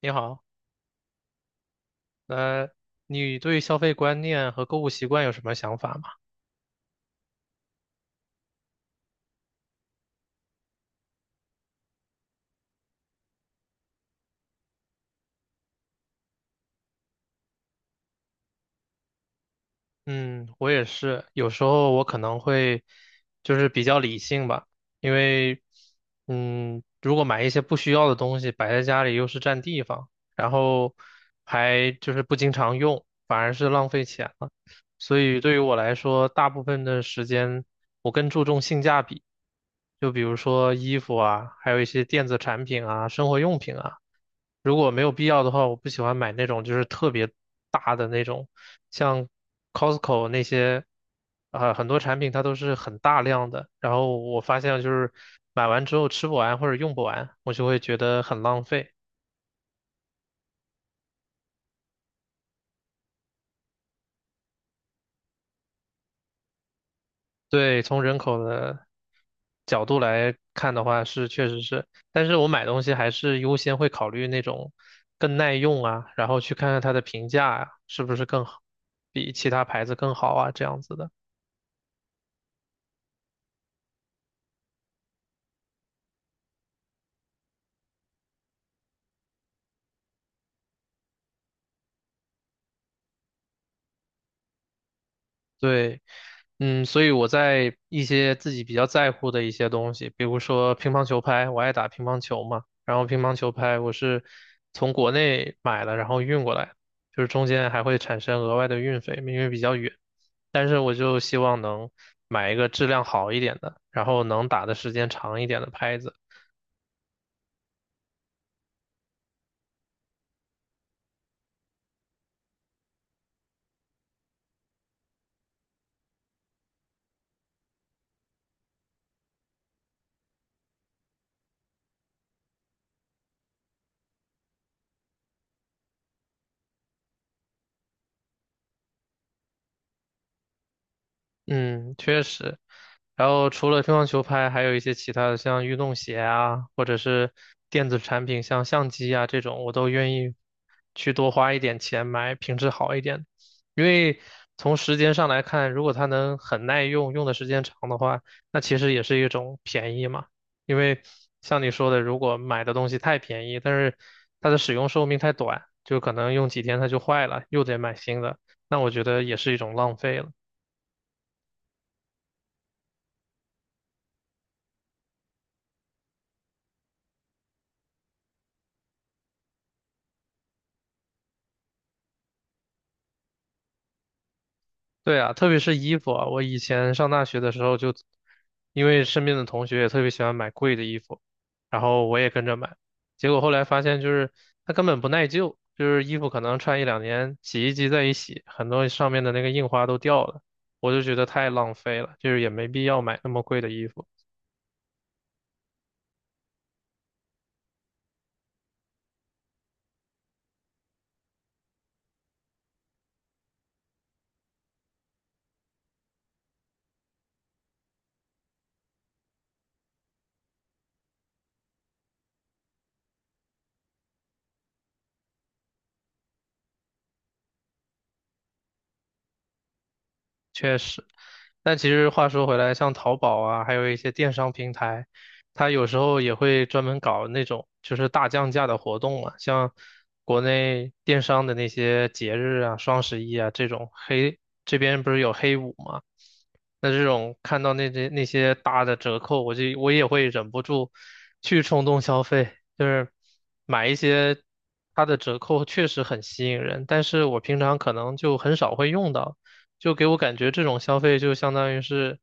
你好，呃，你对消费观念和购物习惯有什么想法吗？嗯，我也是，有时候我可能会就是比较理性吧，因为如果买一些不需要的东西摆在家里又是占地方，然后还就是不经常用，反而是浪费钱了。所以对于我来说，大部分的时间我更注重性价比，就比如说衣服啊，还有一些电子产品啊、生活用品啊。如果没有必要的话，我不喜欢买那种就是特别大的那种，像 Costco 那些，啊、很多产品它都是很大量的。然后我发现就是买完之后吃不完或者用不完，我就会觉得很浪费。对，从人口的角度来看的话，是确实是，但是我买东西还是优先会考虑那种更耐用啊，然后去看看它的评价啊，是不是更好，比其他牌子更好啊，这样子的。对，嗯，所以我在一些自己比较在乎的一些东西，比如说乒乓球拍，我爱打乒乓球嘛，然后乒乓球拍我是从国内买的，然后运过来，就是中间还会产生额外的运费，因为比较远，但是我就希望能买一个质量好一点的，然后能打的时间长一点的拍子。嗯，确实。然后除了乒乓球拍，还有一些其他的，像运动鞋啊，或者是电子产品，像相机啊这种，我都愿意去多花一点钱买品质好一点的。因为从时间上来看，如果它能很耐用，用的时间长的话，那其实也是一种便宜嘛。因为像你说的，如果买的东西太便宜，但是它的使用寿命太短，就可能用几天它就坏了，又得买新的，那我觉得也是一种浪费了。对啊，特别是衣服啊，我以前上大学的时候就，因为身边的同学也特别喜欢买贵的衣服，然后我也跟着买，结果后来发现就是它根本不耐旧，就是衣服可能穿一两年，洗衣机再一洗，很多上面的那个印花都掉了，我就觉得太浪费了，就是也没必要买那么贵的衣服。确实，但其实话说回来，像淘宝啊，还有一些电商平台，它有时候也会专门搞那种就是大降价的活动嘛，像国内电商的那些节日啊，双十一啊这种黑，这边不是有黑五嘛，那这种看到那些大的折扣，我也会忍不住去冲动消费，就是买一些它的折扣确实很吸引人，但是我平常可能就很少会用到。就给我感觉这种消费就相当于是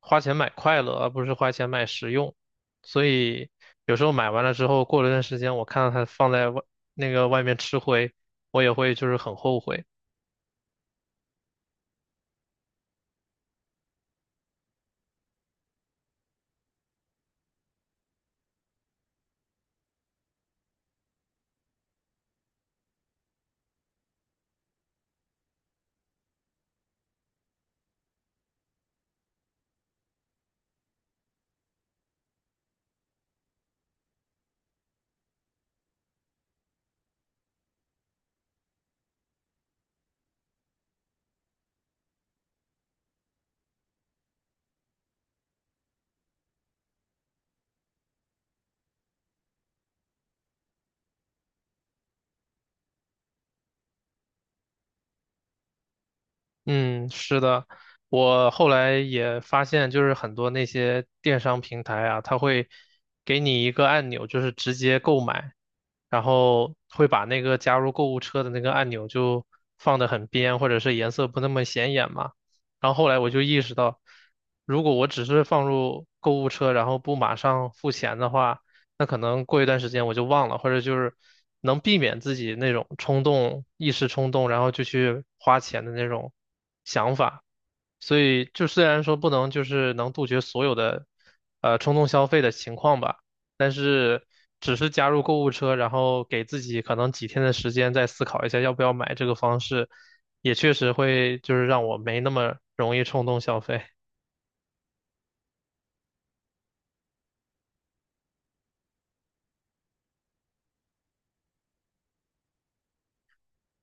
花钱买快乐，而不是花钱买实用。所以有时候买完了之后，过了段时间，我看到它放在那个外面吃灰，我也会就是很后悔。嗯，是的，我后来也发现，就是很多那些电商平台啊，它会给你一个按钮，就是直接购买，然后会把那个加入购物车的那个按钮就放得很边，或者是颜色不那么显眼嘛。然后后来我就意识到，如果我只是放入购物车，然后不马上付钱的话，那可能过一段时间我就忘了，或者就是能避免自己那种冲动、一时冲动，然后就去花钱的那种想法。所以就虽然说不能就是能杜绝所有的冲动消费的情况吧，但是只是加入购物车，然后给自己可能几天的时间再思考一下要不要买这个方式，也确实会就是让我没那么容易冲动消费。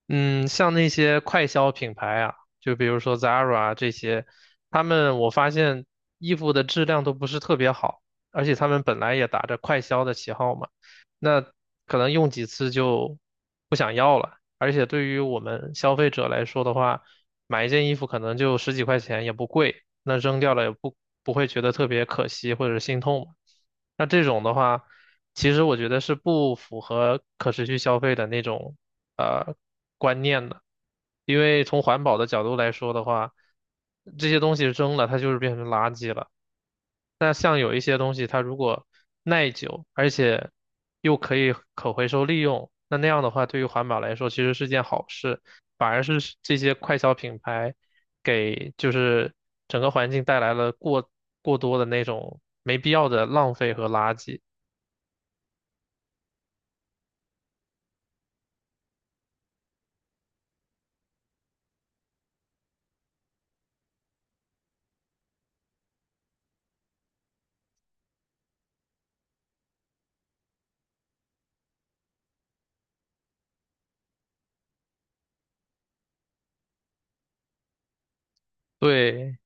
嗯，像那些快消品牌啊，就比如说 Zara 啊这些，他们我发现衣服的质量都不是特别好，而且他们本来也打着快消的旗号嘛，那可能用几次就不想要了。而且对于我们消费者来说的话，买一件衣服可能就十几块钱也不贵，那扔掉了也不会觉得特别可惜或者心痛嘛。那这种的话，其实我觉得是不符合可持续消费的那种呃观念的，因为从环保的角度来说的话，这些东西扔了它就是变成垃圾了。那像有一些东西，它如果耐久，而且又可以可回收利用，那样的话，对于环保来说其实是件好事，反而是这些快消品牌给就是整个环境带来了过多的那种没必要的浪费和垃圾。对，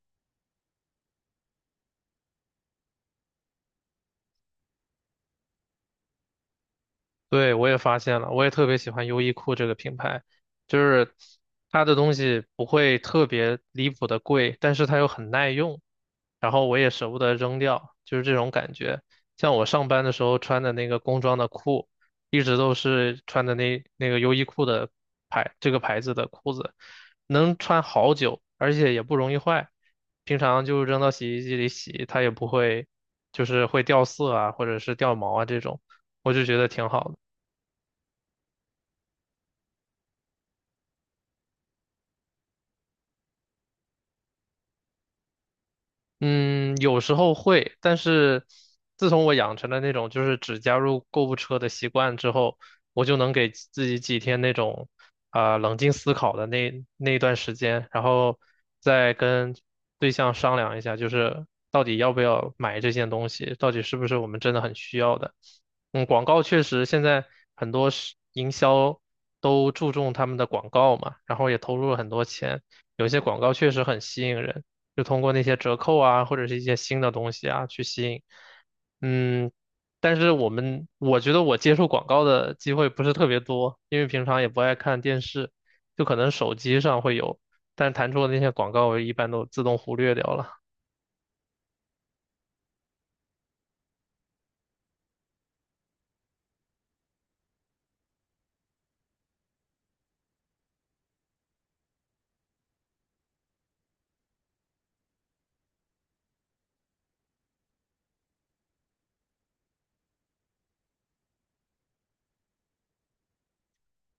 对，我也发现了，我也特别喜欢优衣库这个品牌，就是它的东西不会特别离谱的贵，但是它又很耐用，然后我也舍不得扔掉，就是这种感觉。像我上班的时候穿的那个工装的裤，一直都是穿的那个优衣库的牌，这个牌子的裤子，能穿好久，而且也不容易坏。平常就扔到洗衣机里洗，它也不会，就是会掉色啊，或者是掉毛啊这种，我就觉得挺好的。嗯，有时候会，但是自从我养成了那种就是只加入购物车的习惯之后，我就能给自己几天那种啊、冷静思考的那一段时间，然后再跟对象商量一下，就是到底要不要买这件东西，到底是不是我们真的很需要的。嗯，广告确实现在很多是营销都注重他们的广告嘛，然后也投入了很多钱，有些广告确实很吸引人。就通过那些折扣啊，或者是一些新的东西啊去吸引。嗯，但是我觉得我接触广告的机会不是特别多，因为平常也不爱看电视，就可能手机上会有，但弹出的那些广告我一般都自动忽略掉了。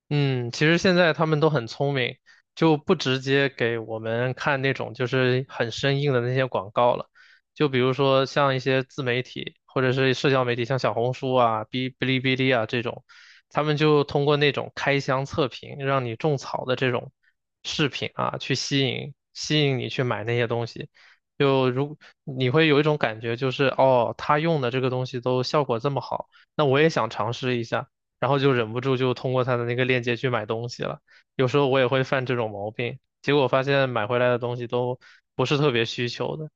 嗯，其实现在他们都很聪明，就不直接给我们看那种就是很生硬的那些广告了。就比如说像一些自媒体或者是社交媒体，像小红书啊、哔哩哔哩啊这种，他们就通过那种开箱测评，让你种草的这种视频啊，去吸引你去买那些东西。就如你会有一种感觉，就是哦，他用的这个东西都效果这么好，那我也想尝试一下。然后就忍不住就通过他的那个链接去买东西了。有时候我也会犯这种毛病，结果发现买回来的东西都不是特别需求的。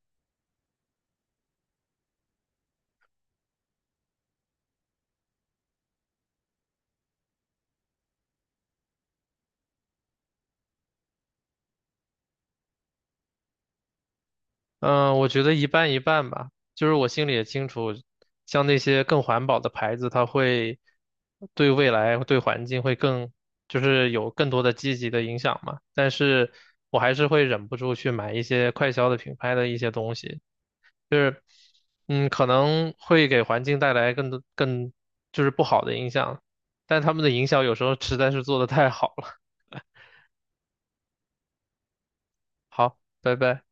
嗯，我觉得一半一半吧，就是我心里也清楚，像那些更环保的牌子，它会对未来、对环境会更，就是有更多的积极的影响嘛。但是我还是会忍不住去买一些快消的品牌的一些东西，就是嗯，可能会给环境带来更多就是不好的影响，但他们的营销有时候实在是做的太好了。好，拜拜。